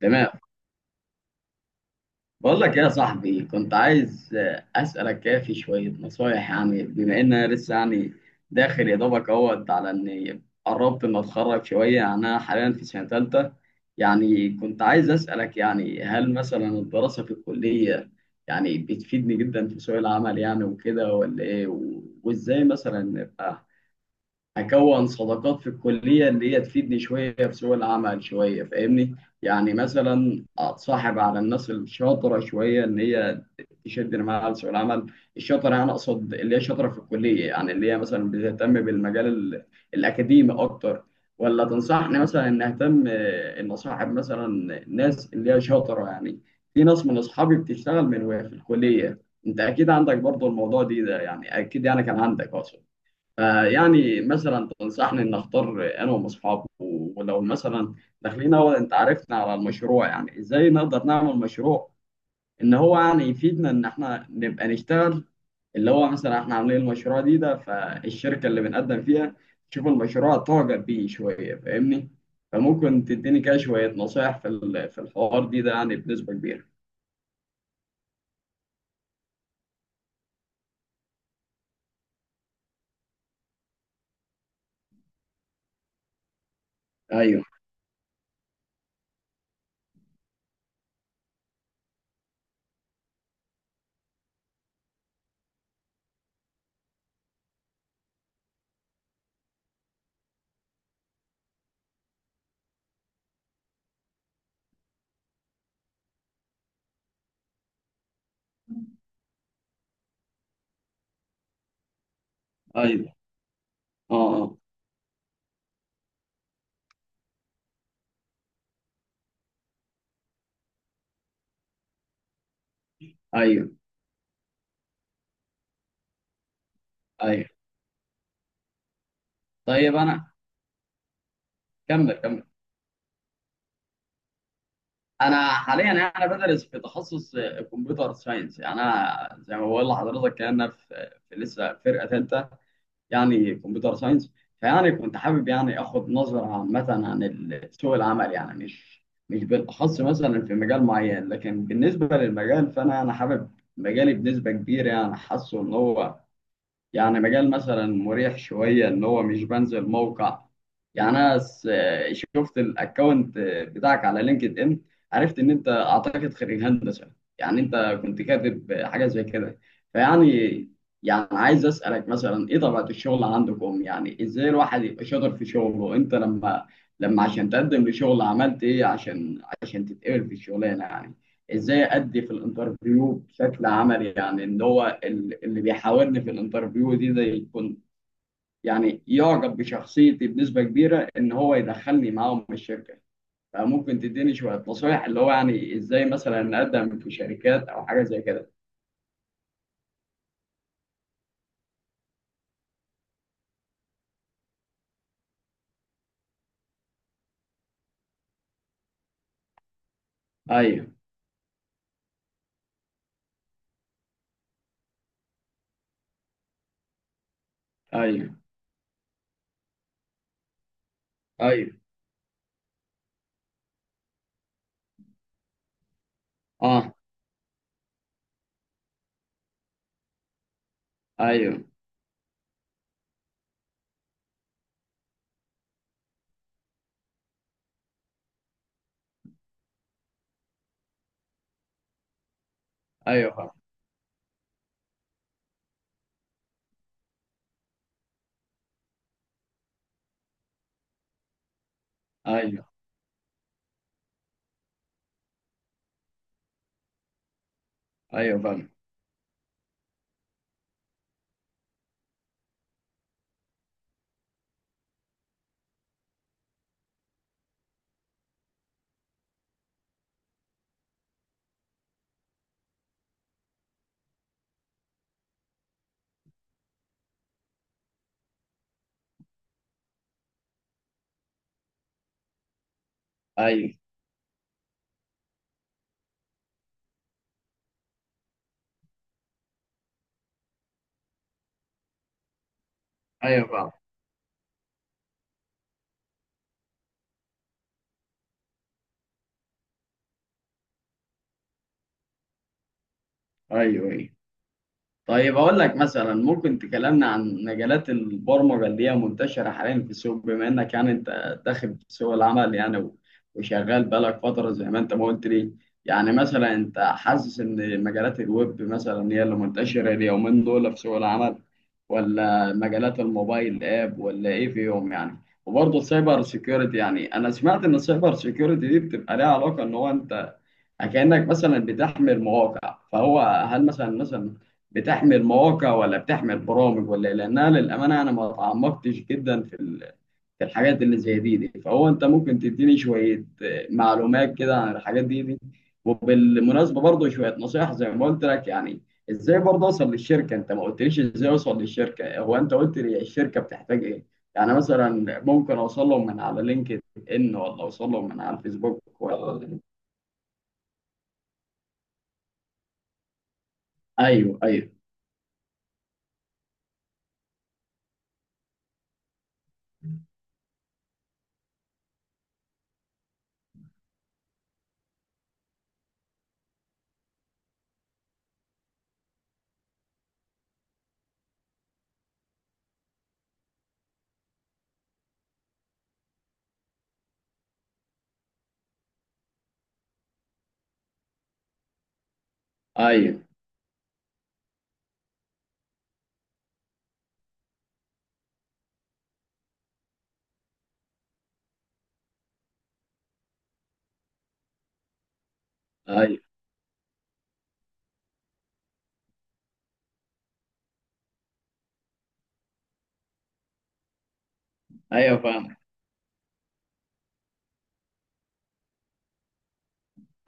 تمام. بقول لك يا صاحبي، كنت عايز اسالك كده في شويه نصايح. يعني بما ان انا لسه يعني داخل يا دوبك اهوت على اني قربت ان اتخرج شويه، يعني انا حاليا في سنه ثالثه. يعني كنت عايز اسالك، يعني هل مثلا الدراسه في الكليه يعني بتفيدني جدا في سوق العمل يعني وكده، ولا ايه؟ وازاي مثلا اكون صداقات في الكليه اللي هي تفيدني شويه في سوق العمل شويه، فاهمني؟ يعني مثلا اتصاحب على الناس الشاطره شويه ان هي تشدني معاها لسوق العمل. الشاطره انا اقصد اللي هي شاطره في الكليه، يعني اللي هي مثلا بتهتم بالمجال الاكاديمي اكتر. ولا تنصحني مثلا ان اهتم، ان اصاحب مثلا ناس اللي هي شاطره يعني؟ في ناس من اصحابي بتشتغل من وهي في الكليه، انت اكيد عندك برضو الموضوع دي ده يعني، اكيد يعني كان عندك اقصد. فيعني مثلا تنصحني ان اختار انا واصحابي ولو مثلا داخلين، هو انت عرفنا على المشروع، يعني ازاي نقدر نعمل مشروع ان هو يعني يفيدنا ان احنا نبقى نشتغل؟ اللي هو مثلا احنا عاملين المشروع دي ده، فالشركة اللي بنقدم فيها تشوف المشروع تعجب بيه شوية، فاهمني؟ فممكن تديني كده شوية نصايح في في الحوار دي ده يعني بنسبة كبيرة. ايوه، ايوه. اه، ايوه، ايوه. طيب انا، كمل كمل. انا حاليا يعني انا بدرس في تخصص كمبيوتر ساينس. يعني انا زي ما بقول لحضرتك كده، انا في لسه فرقه ثالثه، يعني كمبيوتر ساينس. فيعني كنت حابب يعني اخد نظره عامه عن سوق العمل، يعني مش بالاخص مثلا في مجال معين، لكن بالنسبه للمجال فانا حابب مجالي بنسبه كبيره، يعني حاسه ان هو يعني مجال مثلا مريح شوية، إن هو مش بنزل موقع. يعني شفت الأكونت بتاعك على لينكد إن، عرفت إن أنت أعتقد خريج هندسة، يعني أنت كنت كاتب حاجة زي كده. فيعني، يعني عايز أسألك مثلا إيه طبيعة الشغل عندكم؟ يعني إزاي الواحد يبقى شاطر في شغله؟ أنت لما عشان تقدم لشغل عملت إيه عشان تتقبل في الشغلانة يعني؟ ازاي ادي في الانترفيو بشكل عملي، يعني ان هو اللي بيحاورني في الانترفيو دي ده يكون يعني يعجب بشخصيتي بنسبة كبيرة ان هو يدخلني معاهم الشركة. فممكن تديني شوية نصايح اللي هو يعني ازاي مثلا نقدم في شركات او حاجة زي كده؟ ايوه، ايوه، ايوه. اه، ايوه، ايوه، فاهم. ايوه، ايوه، فاهم. ايوه، ايوه، فاهم. ايوه، ايوه. طيب، أقول لك مثلا ممكن تكلمنا عن مجالات البرمجة اللي هي منتشرة حاليا في السوق، بما إنك يعني أنت داخل في سوق العمل يعني، وشغال بقالك فترة زي ما أنت ما قلت لي؟ يعني مثلا أنت حاسس إن مجالات الويب مثلا هي اللي منتشرة اليومين دول في سوق العمل، ولا مجالات الموبايل آب، ولا إيه فيهم يعني؟ وبرضه السايبر سيكيورتي، يعني أنا سمعت إن السايبر سيكيورتي دي بتبقى ليها علاقة إن هو أنت كأنك مثلا بتحمل مواقع، فهو هل مثلا، بتحمل مواقع ولا بتحمل برامج ولا إيه؟ لانها للامانه انا ما تعمقتش جدا في في الحاجات اللي زي دي، فهو انت ممكن تديني شويه معلومات كده عن الحاجات دي. وبالمناسبه برضه شويه نصائح زي ما قلت لك، يعني ازاي برضه اوصل للشركه؟ انت ما قلتليش ازاي اوصل للشركه، هو انت قلت لي الشركه بتحتاج ايه. يعني مثلا ممكن اوصل لهم من على لينكد ان، ولا اوصل لهم من على الفيسبوك، ولا؟ ايوه، ايوه، ايوه، ايوه، ايوه، فاهم.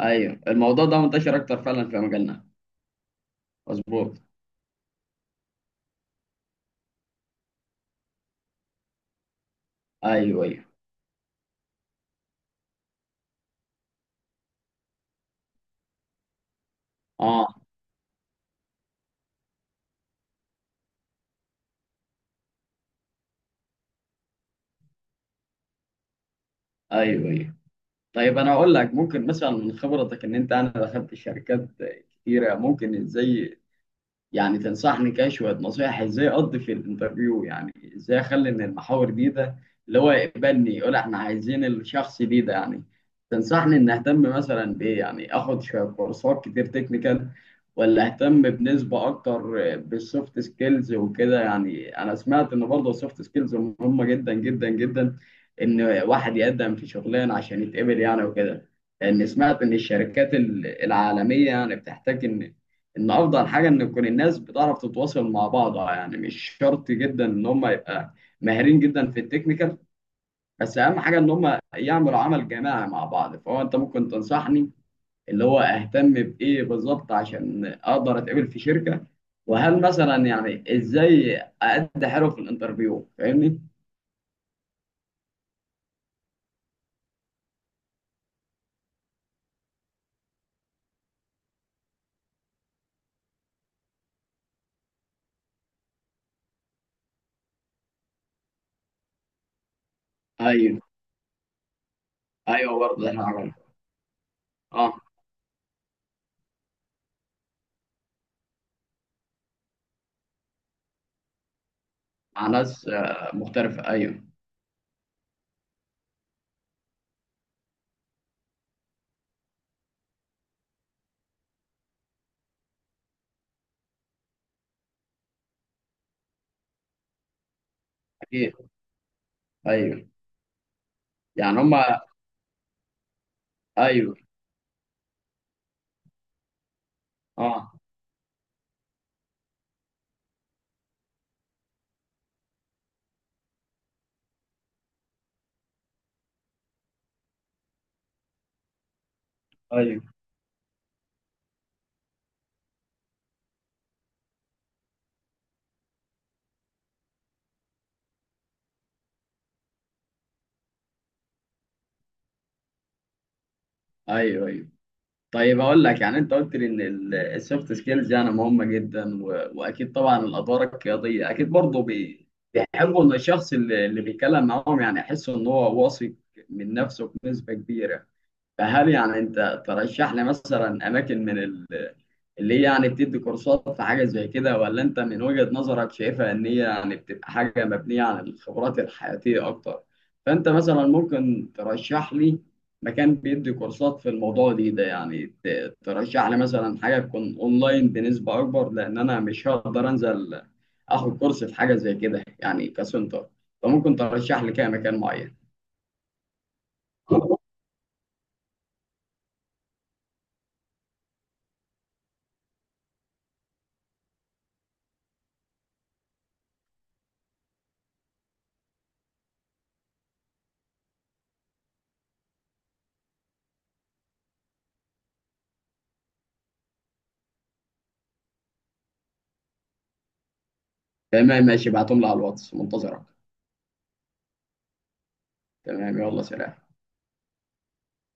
ايوه، الموضوع ده منتشر اكتر فعلا في مجالنا. مظبوط. ايوه، ايوه. اه، ايوه، ايوه. طيب انا اقول لك، ممكن مثلا من خبرتك ان انت انا دخلت شركات كتيره، ممكن ازاي يعني تنصحني كده شوية نصايح ازاي اقضي في الانترفيو؟ يعني ازاي اخلي ان المحاور دي ده اللي هو يقبلني، يقول احنا عايزين الشخص دي ده يعني. تنصحني ان اهتم مثلا بايه؟ يعني اخد شوية كورسات كتير تكنيكال، ولا اهتم بنسبة اكتر بالسوفت سكيلز وكده؟ يعني انا سمعت ان برضه السوفت سكيلز مهمة جدا جدا جدا، ان واحد يقدم في شغلانة عشان يتقبل يعني وكده. لان سمعت ان الشركات العالمية يعني بتحتاج ان افضل حاجه ان تكون الناس بتعرف تتواصل مع بعضها، يعني مش شرط جدا ان هم يبقى ماهرين جدا في التكنيكال، بس اهم حاجه ان هم يعملوا عمل جماعي مع بعض. فهو انت ممكن تنصحني اللي هو اهتم بايه بالظبط عشان اقدر اتقبل في شركه؟ وهل مثلا يعني ازاي أأدي حلو في الانترفيو، فاهمني؟ ايوه، ايوه، برضه احنا عملنا. اه، مع ناس مختلفه. ايوه، اكيد. ايوه، يعني هم. ايوه. اه، ايوه، ايوه، ايوه. طيب اقول لك، يعني انت قلت لي ان السوفت سكيلز يعني مهمه جدا، واكيد طبعا الادوار القياديه اكيد برضه بيحبوا ان الشخص اللي بيتكلم معاهم يعني يحس ان هو واثق من نفسه بنسبه كبيره. فهل يعني انت ترشح لي مثلا اماكن من اللي هي يعني بتدي كورسات في حاجه زي كده، ولا انت من وجهه نظرك شايفها ان هي يعني بتبقى حاجه مبنيه على الخبرات الحياتيه اكتر؟ فانت مثلا ممكن ترشح لي مكان بيدي كورسات في الموضوع دي ده يعني؟ ترشح لي مثلا حاجه تكون اونلاين بنسبه اكبر، لان انا مش هقدر انزل اخد كورس في حاجه زي كده يعني كسنتر. فممكن ترشح لي كده مكان معين؟ تمام، ماشي، ابعتهم لي على الواتس، منتظرك. تمام، يلا، سلام.